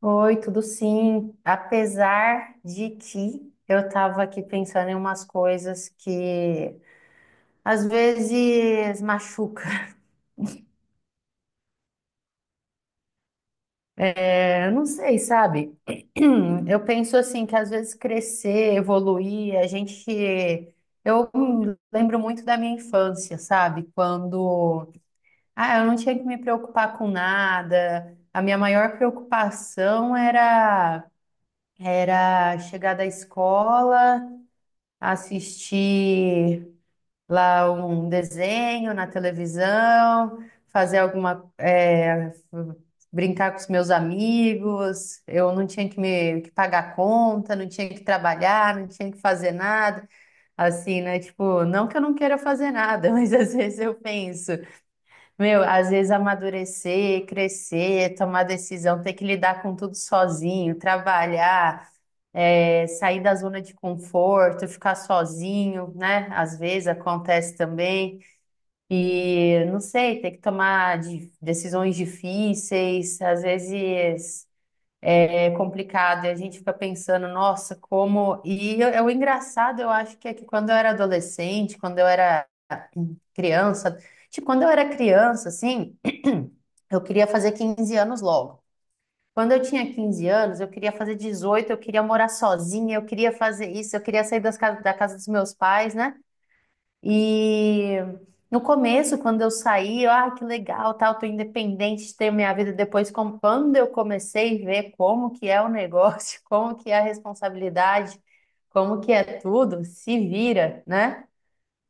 Oi, tudo sim. Apesar de que eu estava aqui pensando em umas coisas que às vezes machuca. É, eu não sei, sabe? Eu penso assim que às vezes crescer, evoluir, a gente. Eu lembro muito da minha infância, sabe? Quando ah, eu não tinha que me preocupar com nada. A minha maior preocupação era chegar da escola, assistir lá um desenho na televisão, fazer alguma, é, brincar com os meus amigos. Eu não tinha que me que pagar conta, não tinha que trabalhar, não tinha que fazer nada. Assim, né? Tipo, não que eu não queira fazer nada, mas às vezes eu penso, meu, às vezes amadurecer, crescer, tomar decisão, ter que lidar com tudo sozinho, trabalhar é, sair da zona de conforto, ficar sozinho, né? Às vezes acontece também. E não sei, ter que tomar decisões difíceis, às vezes é complicado, e a gente fica pensando, nossa, como. É o engraçado, eu acho que é que quando eu era adolescente, quando eu era criança, tipo, quando eu era criança, assim, eu queria fazer 15 anos logo. Quando eu tinha 15 anos, eu queria fazer 18, eu queria morar sozinha, eu queria fazer isso, eu queria sair da casa dos meus pais, né? E no começo, quando eu saí, eu, ah, que legal, tal, tô independente, tenho minha vida. Depois, quando eu comecei a ver como que é o negócio, como que é a responsabilidade, como que é tudo, se vira, né?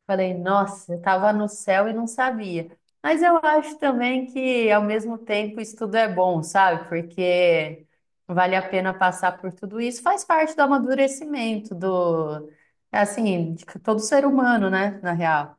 Falei, nossa, eu estava no céu e não sabia. Mas eu acho também que, ao mesmo tempo, isso tudo é bom, sabe? Porque vale a pena passar por tudo isso. Faz parte do amadurecimento do, assim, de todo ser humano, né? Na real.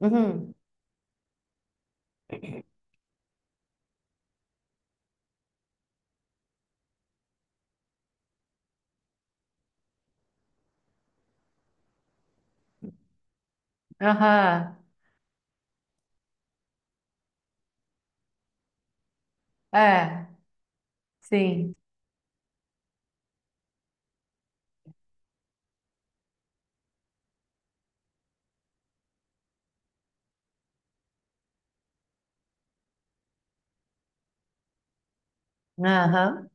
Uhum. Aham. É, sim. Aham.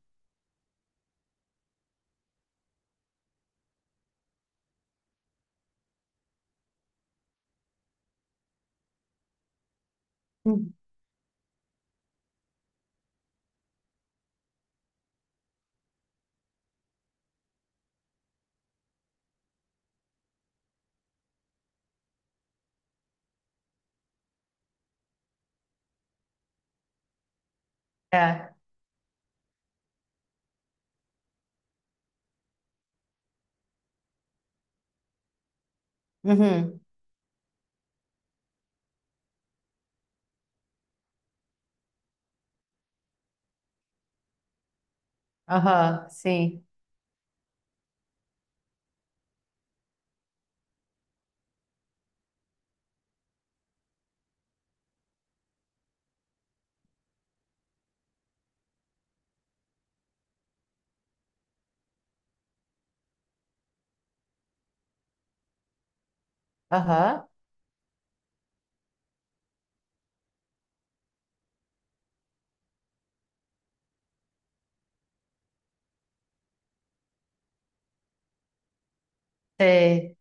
É. Uhum. Aham, sim. Aham. Sei.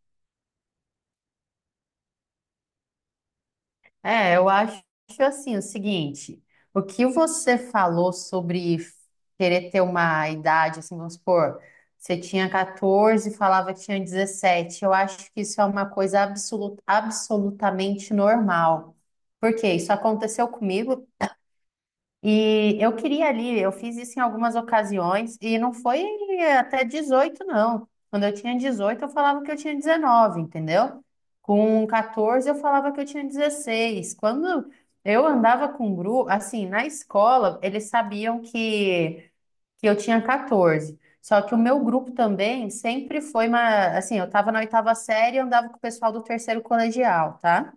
É, eu acho assim o seguinte, o que você falou sobre querer ter uma idade, assim, vamos supor, você tinha 14 e falava que tinha 17, eu acho que isso é uma coisa absolutamente normal. Porque isso aconteceu comigo, e eu queria ali, eu fiz isso em algumas ocasiões, e não foi até 18 não. Quando eu tinha 18, eu falava que eu tinha 19, entendeu? Com 14, eu falava que eu tinha 16. Quando eu andava com grupo, assim, na escola, eles sabiam que eu tinha 14. Só que o meu grupo também sempre foi uma, assim, eu estava na oitava série e andava com o pessoal do terceiro colegial, tá?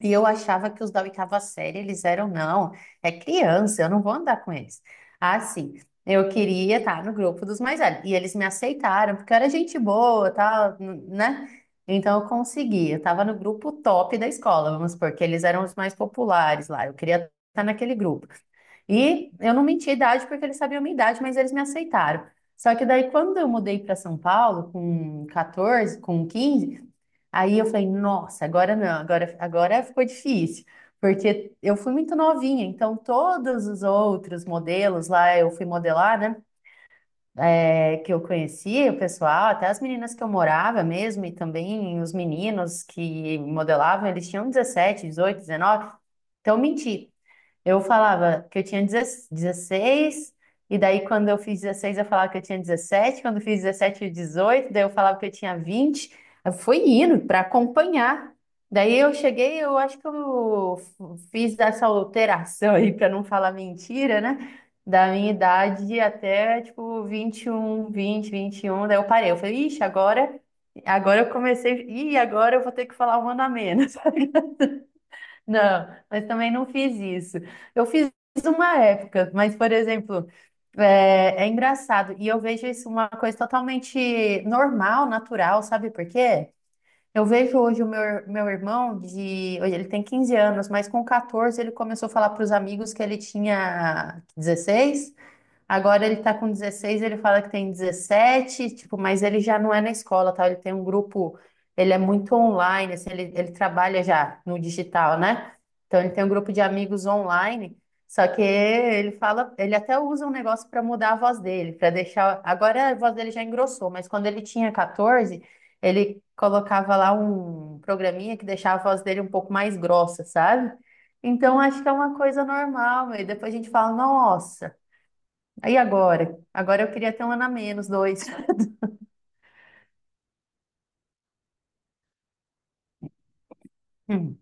E eu achava que os da oitava série, eles eram, não, é criança, eu não vou andar com eles. Ah, sim, eu queria estar no grupo dos mais velhos. E eles me aceitaram, porque eu era gente boa, tal, né? Então eu consegui, eu estava no grupo top da escola, vamos supor, que eles eram os mais populares lá, eu queria estar naquele grupo. E eu não menti a idade porque eles sabiam a minha idade, mas eles me aceitaram. Só que daí, quando eu mudei para São Paulo, com 14, com 15. Aí eu falei, nossa, agora não, agora ficou difícil, porque eu fui muito novinha, então todos os outros modelos lá, eu fui modelar, né? É, que eu conhecia o pessoal, até as meninas que eu morava mesmo, e também os meninos que modelavam, eles tinham 17, 18, 19, então eu menti. Eu falava que eu tinha 16 e daí quando eu fiz 16 eu falava que eu tinha 17. Quando eu fiz 17 e 18 daí eu falava que eu tinha 20. Eu fui indo para acompanhar. Daí eu cheguei, eu acho que eu fiz essa alteração aí para não falar mentira, né? Da minha idade até tipo 21, vinte, 20, um, daí eu parei. Eu falei, ixi, agora, agora eu comecei, e agora eu vou ter que falar um ano a menos. Não, mas também não fiz isso. Eu fiz uma época, mas, por exemplo, é, é engraçado. E eu vejo isso uma coisa totalmente normal, natural, sabe por quê? Eu vejo hoje o meu, meu irmão de. Hoje ele tem 15 anos, mas com 14 ele começou a falar para os amigos que ele tinha 16. Agora ele tá com 16, ele fala que tem 17, tipo, mas ele já não é na escola, tá? Ele tem um grupo, ele é muito online, assim, ele trabalha já no digital, né? Então ele tem um grupo de amigos online, só que ele fala, ele até usa um negócio para mudar a voz dele, para deixar. Agora a voz dele já engrossou, mas quando ele tinha 14, ele colocava lá um programinha que deixava a voz dele um pouco mais grossa, sabe? Então acho que é uma coisa normal, e depois a gente fala, nossa. Aí agora? Agora eu queria ter um ano a menos, dois. Hum.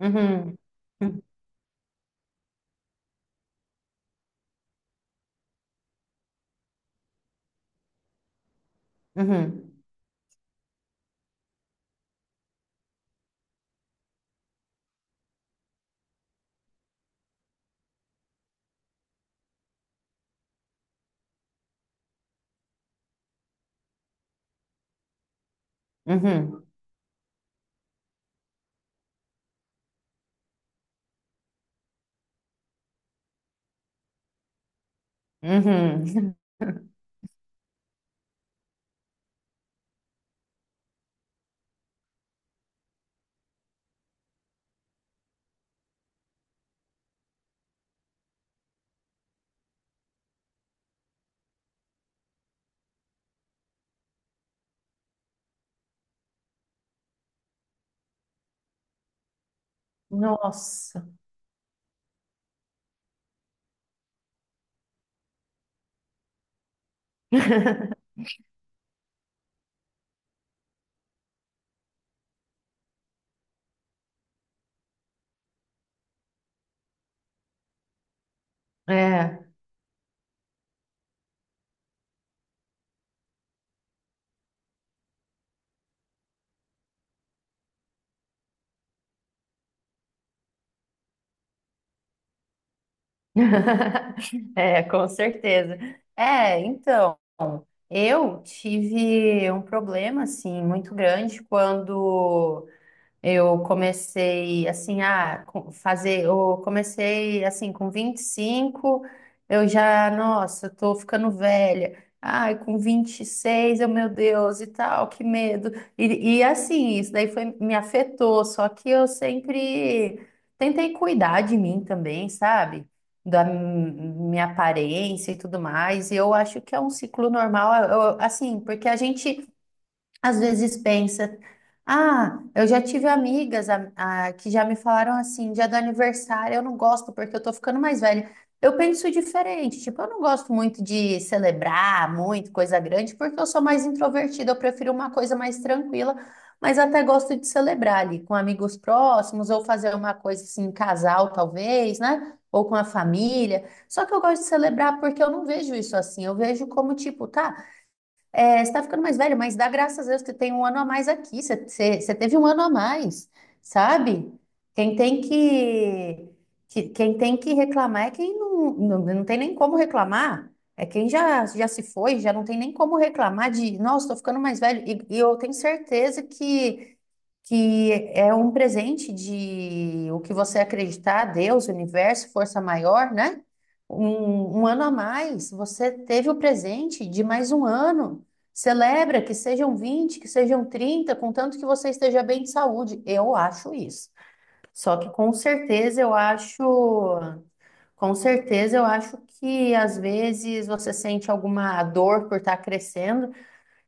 Uhum. Uhum. Uhum. Uhum. Uhum. Nossa. É. É, com certeza. É, então, eu tive um problema, assim, muito grande quando Eu comecei assim com 25, eu já, nossa, eu tô ficando velha. Ai, com 26, eu, meu Deus, e tal, que medo. E assim, isso daí foi, me afetou, só que eu sempre tentei cuidar de mim também, sabe? Da minha aparência e tudo mais. E eu acho que é um ciclo normal, assim, porque a gente às vezes pensa, ah, eu já tive amigas que já me falaram assim, dia do aniversário, eu não gosto porque eu tô ficando mais velha. Eu penso diferente, tipo, eu não gosto muito de celebrar muito, coisa grande, porque eu sou mais introvertida, eu prefiro uma coisa mais tranquila, mas até gosto de celebrar ali com amigos próximos, ou fazer uma coisa assim, em casal talvez, né? Ou com a família. Só que eu gosto de celebrar porque eu não vejo isso assim, eu vejo como tipo, tá. É, você está ficando mais velho, mas dá graças a Deus que tem um ano a mais aqui. Você teve um ano a mais, sabe? Quem tem quem tem que reclamar é quem não, não, não tem nem como reclamar. É quem já, já se foi, já não tem nem como reclamar de, nossa, estou ficando mais velho. E eu tenho certeza que é um presente de o que você acreditar, Deus, universo, força maior, né? Um ano a mais, você teve o presente de mais um ano. Celebra que sejam 20 que sejam 30 contanto que você esteja bem de saúde. Eu acho isso. Só que com certeza eu acho que às vezes você sente alguma dor por estar crescendo,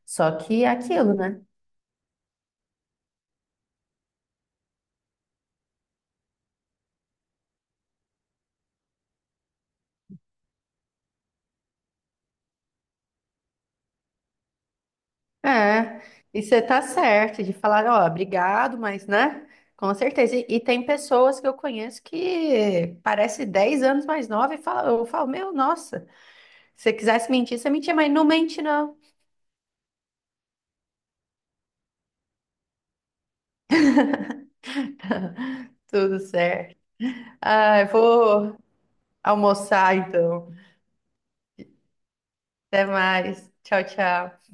só que é aquilo, né? É, e você tá certo de falar, ó, obrigado, mas, né? Com certeza. E tem pessoas que eu conheço que parece 10 anos mais nova e fala, eu falo, meu, nossa, se você quisesse mentir, você mentia, mas não mente, não. Tudo certo. Ah, eu vou almoçar, então. Até mais. Tchau, tchau.